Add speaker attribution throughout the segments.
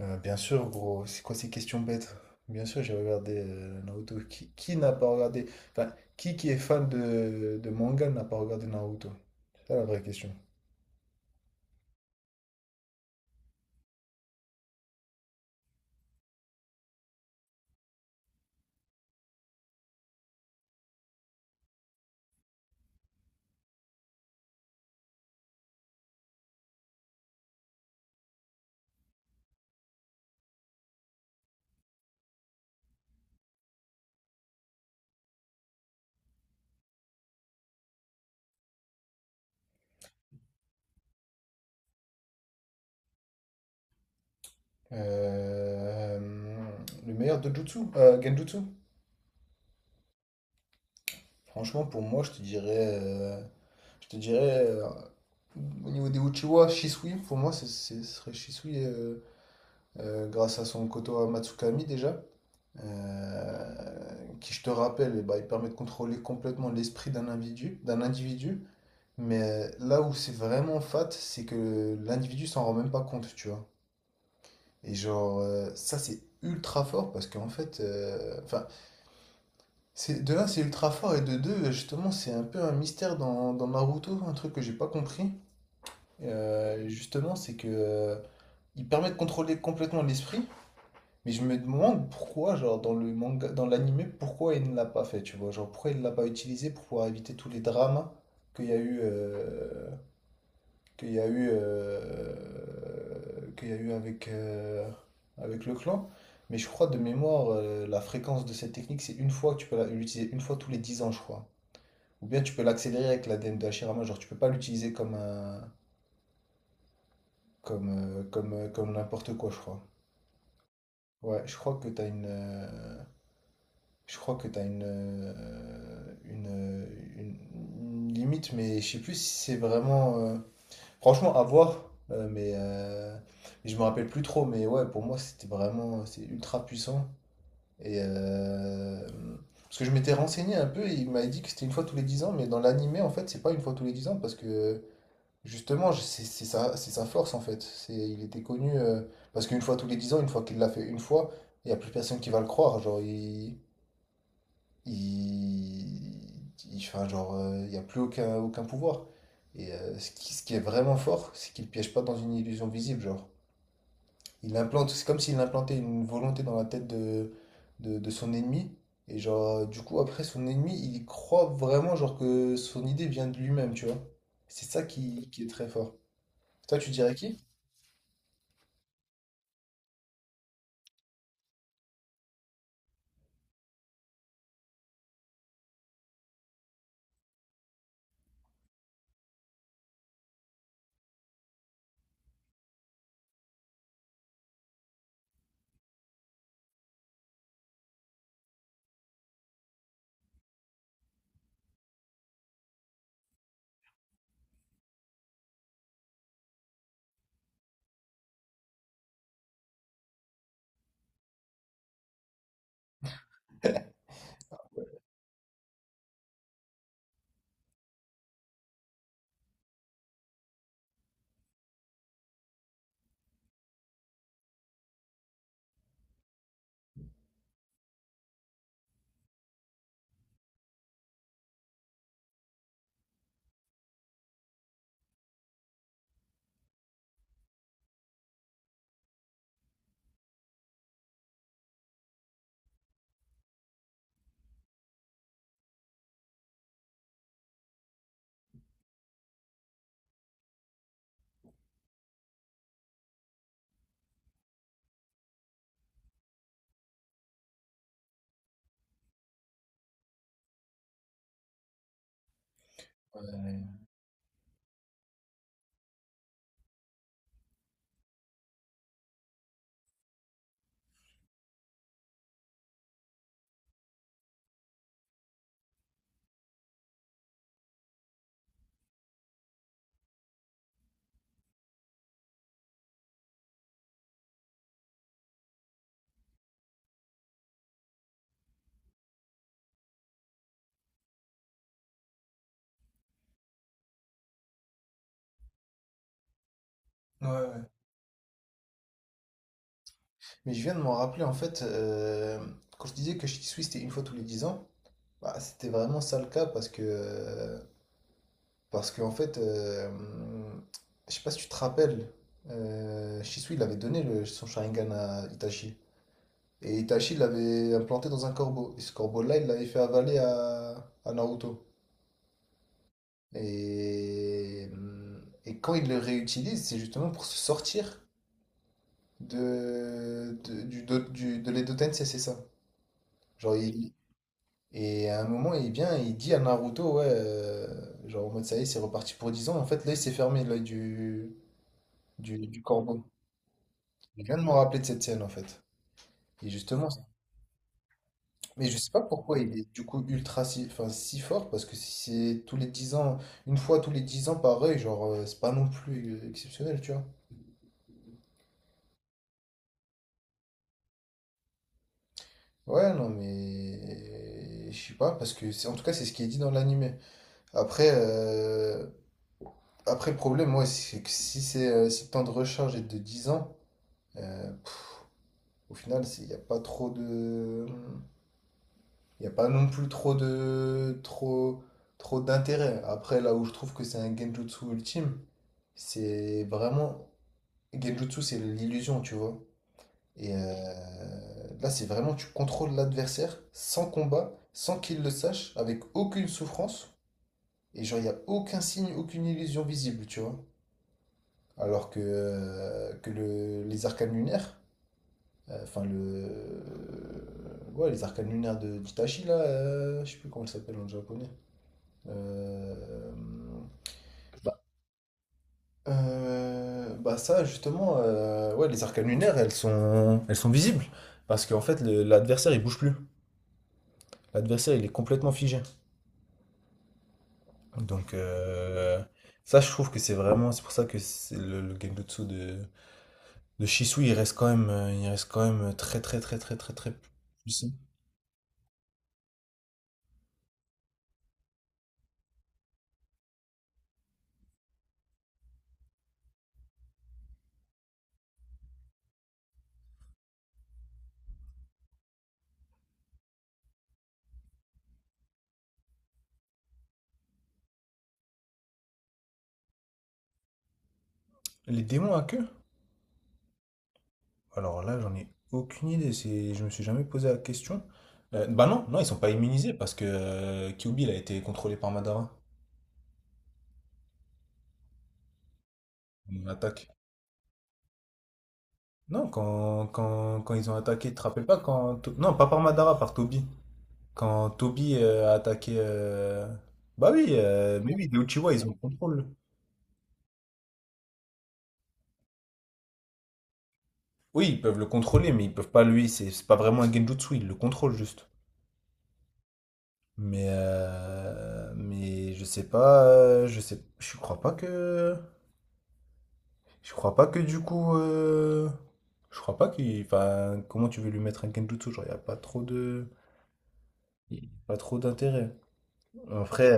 Speaker 1: Bien sûr, gros, c'est quoi ces questions bêtes? Bien sûr, j'ai regardé Naruto. Qui n'a pas regardé? Enfin, qui est fan de manga n'a pas regardé Naruto? C'est ça la vraie question. Euh, le meilleur Dojutsu, Genjutsu? Franchement, pour moi, je te dirais au niveau des Uchiwa, Shisui. Pour moi, ce serait Shisui grâce à son Koto Matsukami déjà. euh, qui, je te rappelle, eh ben, il permet de contrôler complètement l'esprit d'un individu. Mais là où c'est vraiment fat, c'est que l'individu s'en rend même pas compte, tu vois. Et genre, ça c'est ultra fort parce qu'en fait, enfin, c'est de là c'est ultra fort et de deux, justement, c'est un peu un mystère dans Naruto, un truc que j'ai pas compris. Justement, c'est que il permet de contrôler complètement l'esprit. Mais je me demande pourquoi, genre, dans le manga, dans l'anime, pourquoi il ne l'a pas fait, tu vois. Genre, pourquoi il ne l'a pas utilisé pour pouvoir éviter tous les drames qu'il y a eu, euh, qu'il y a eu avec le clan. Mais je crois, de mémoire, la fréquence de cette technique, c'est une fois que tu peux l'utiliser, une fois tous les 10 ans, je crois. Ou bien tu peux l'accélérer avec la l'ADN de Hashirama, genre, tu peux pas l'utiliser comme n'importe quoi, je crois. Ouais, je crois que tu as une- une limite, mais je sais plus si c'est vraiment. Franchement, à voir, mais je me rappelle plus trop. Mais ouais, pour moi, c'est ultra puissant. Et, euh, Parce que je m'étais renseigné un peu, et il m'avait dit que c'était une fois tous les 10 ans, mais dans l'animé, en fait, c'est pas une fois tous les 10 ans, parce que justement, c'est sa force, en fait. Il était connu, parce qu'une fois tous les 10 ans, une fois qu'il l'a fait une fois, il n'y a plus personne qui va le croire. Genre, il, enfin, genre, il n'y a plus aucun pouvoir. Et ce qui est vraiment fort, c'est qu'il ne piège pas dans une illusion visible, genre. Il implante, c'est comme s'il implantait une volonté dans la tête de son ennemi. Et genre, du coup, après, son ennemi, il croit vraiment, genre, que son idée vient de lui-même, tu vois. C'est ça qui est très fort. Toi, tu dirais qui? Ouais. Ouais, ouais. Mais je viens de m'en rappeler, en fait, quand je disais que Shih Tzu, c'était une fois tous les 10 ans, bah, c'était vraiment ça le cas. Parce qu'en fait, je sais pas si tu te rappelles, Shisui, il avait donné son Sharingan à Itachi. Et Itachi l'avait implanté dans un corbeau. Et ce corbeau-là, il l'avait fait avaler à Naruto. Et, et quand il le réutilise, c'est justement pour se sortir de, du, do- du- de l'Edo-Tensei, c'est ça. Genre, et à un moment, il vient et il dit à Naruto, ouais, genre en mode ça y est, c'est reparti pour 10 ans. En fait, l'œil s'est fermé, l'œil du corbeau. Je viens de me rappeler de cette scène en fait. Et justement, mais je sais pas pourquoi il est du coup ultra si, enfin, si fort parce que si c'est tous les 10 ans, une fois tous les 10 ans pareil, genre c'est pas non plus exceptionnel, tu vois. Ouais, non mais je sais pas parce que c'est en tout cas c'est ce qui est dit dans l'animé. Après euh, Après le problème moi c'est que si c'est si le temps de recharge est de 10 ans euh, pff, au final, il n'y a pas non plus trop de trop trop d'intérêt. Après, là où je trouve que c'est un genjutsu ultime, c'est vraiment genjutsu, c'est l'illusion, tu vois. Et là, c'est vraiment tu contrôles l'adversaire sans combat, sans qu'il le sache, avec aucune souffrance. Et genre, il n'y a aucun signe, aucune illusion visible, tu vois. Alors les arcanes lunaires, enfin ouais, les arcanes lunaires de d'Itachi, là, je sais plus comment ça s'appelle en japonais. Euh, bah, Bah ça justement, ouais, les arcanes lunaires, elles sont visibles parce qu'en fait l'adversaire il bouge plus. L'adversaire il est complètement figé. Donc ça je trouve que c'est vraiment, c'est pour ça que c'est le Genjutsu de Shisui il reste quand même, il reste quand même très très très très très très puissant. Les démons à queue? Alors là j'en ai aucune idée, c'est, je me suis jamais posé la question. Bah non, non ils sont pas immunisés parce que Kyuubi il a été contrôlé par Madara. On attaque. Non, quand ils ont attaqué, tu te rappelles pas quand. Non, pas par Madara, par Toby. Quand Toby a attaqué. Bah oui, mais oui, les Uchiwa, ils ont le contrôle. Oui, ils peuvent le contrôler, mais ils peuvent pas lui. C'est pas vraiment un Genjutsu, ils le contrôlent juste. Mais je sais pas. Je sais. Je crois pas que. Je crois pas que du coup. euh, Je crois pas qu'il. Enfin, comment tu veux lui mettre un Genjutsu? Genre, y a pas trop de. Y a pas trop d'intérêt. Après,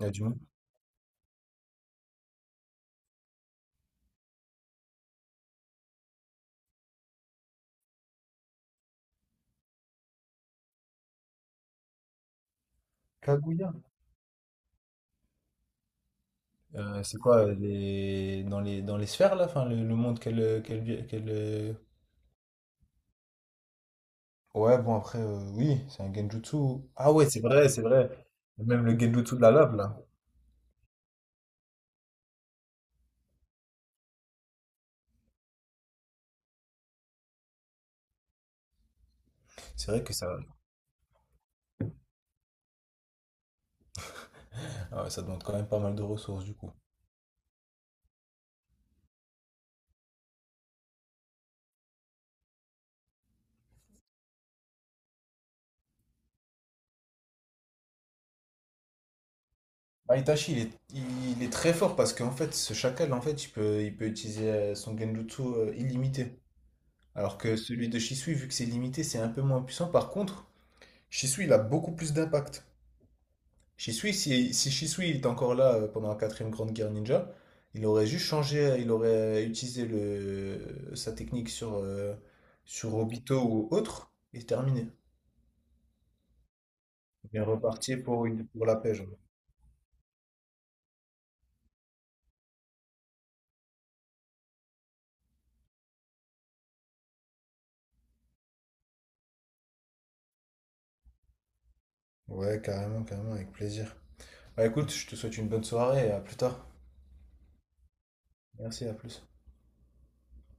Speaker 1: il y a du monde. Kaguya. C'est quoi dans les sphères là, enfin, le monde qu'elle. Ouais bon après oui c'est un genjutsu. Ah ouais c'est vrai c'est vrai. Même le genjutsu de la lave là. C'est vrai que ça Ah ouais, ça demande quand même pas mal de ressources du coup. Ah, Itachi il est très fort parce qu'en fait ce chacal en fait il peut utiliser son genjutsu illimité. Alors que celui de Shisui vu que c'est limité c'est un peu moins puissant. Par contre Shisui il a beaucoup plus d'impact. Shisui, si Shisui il était encore là pendant la quatrième grande guerre ninja, il aurait juste changé, il aurait utilisé sa technique sur Obito ou autre, et terminé. Il est reparti pour la paix, genre. Ouais, carrément, carrément, avec plaisir. Bah écoute, je te souhaite une bonne soirée et à plus tard. Merci, à plus.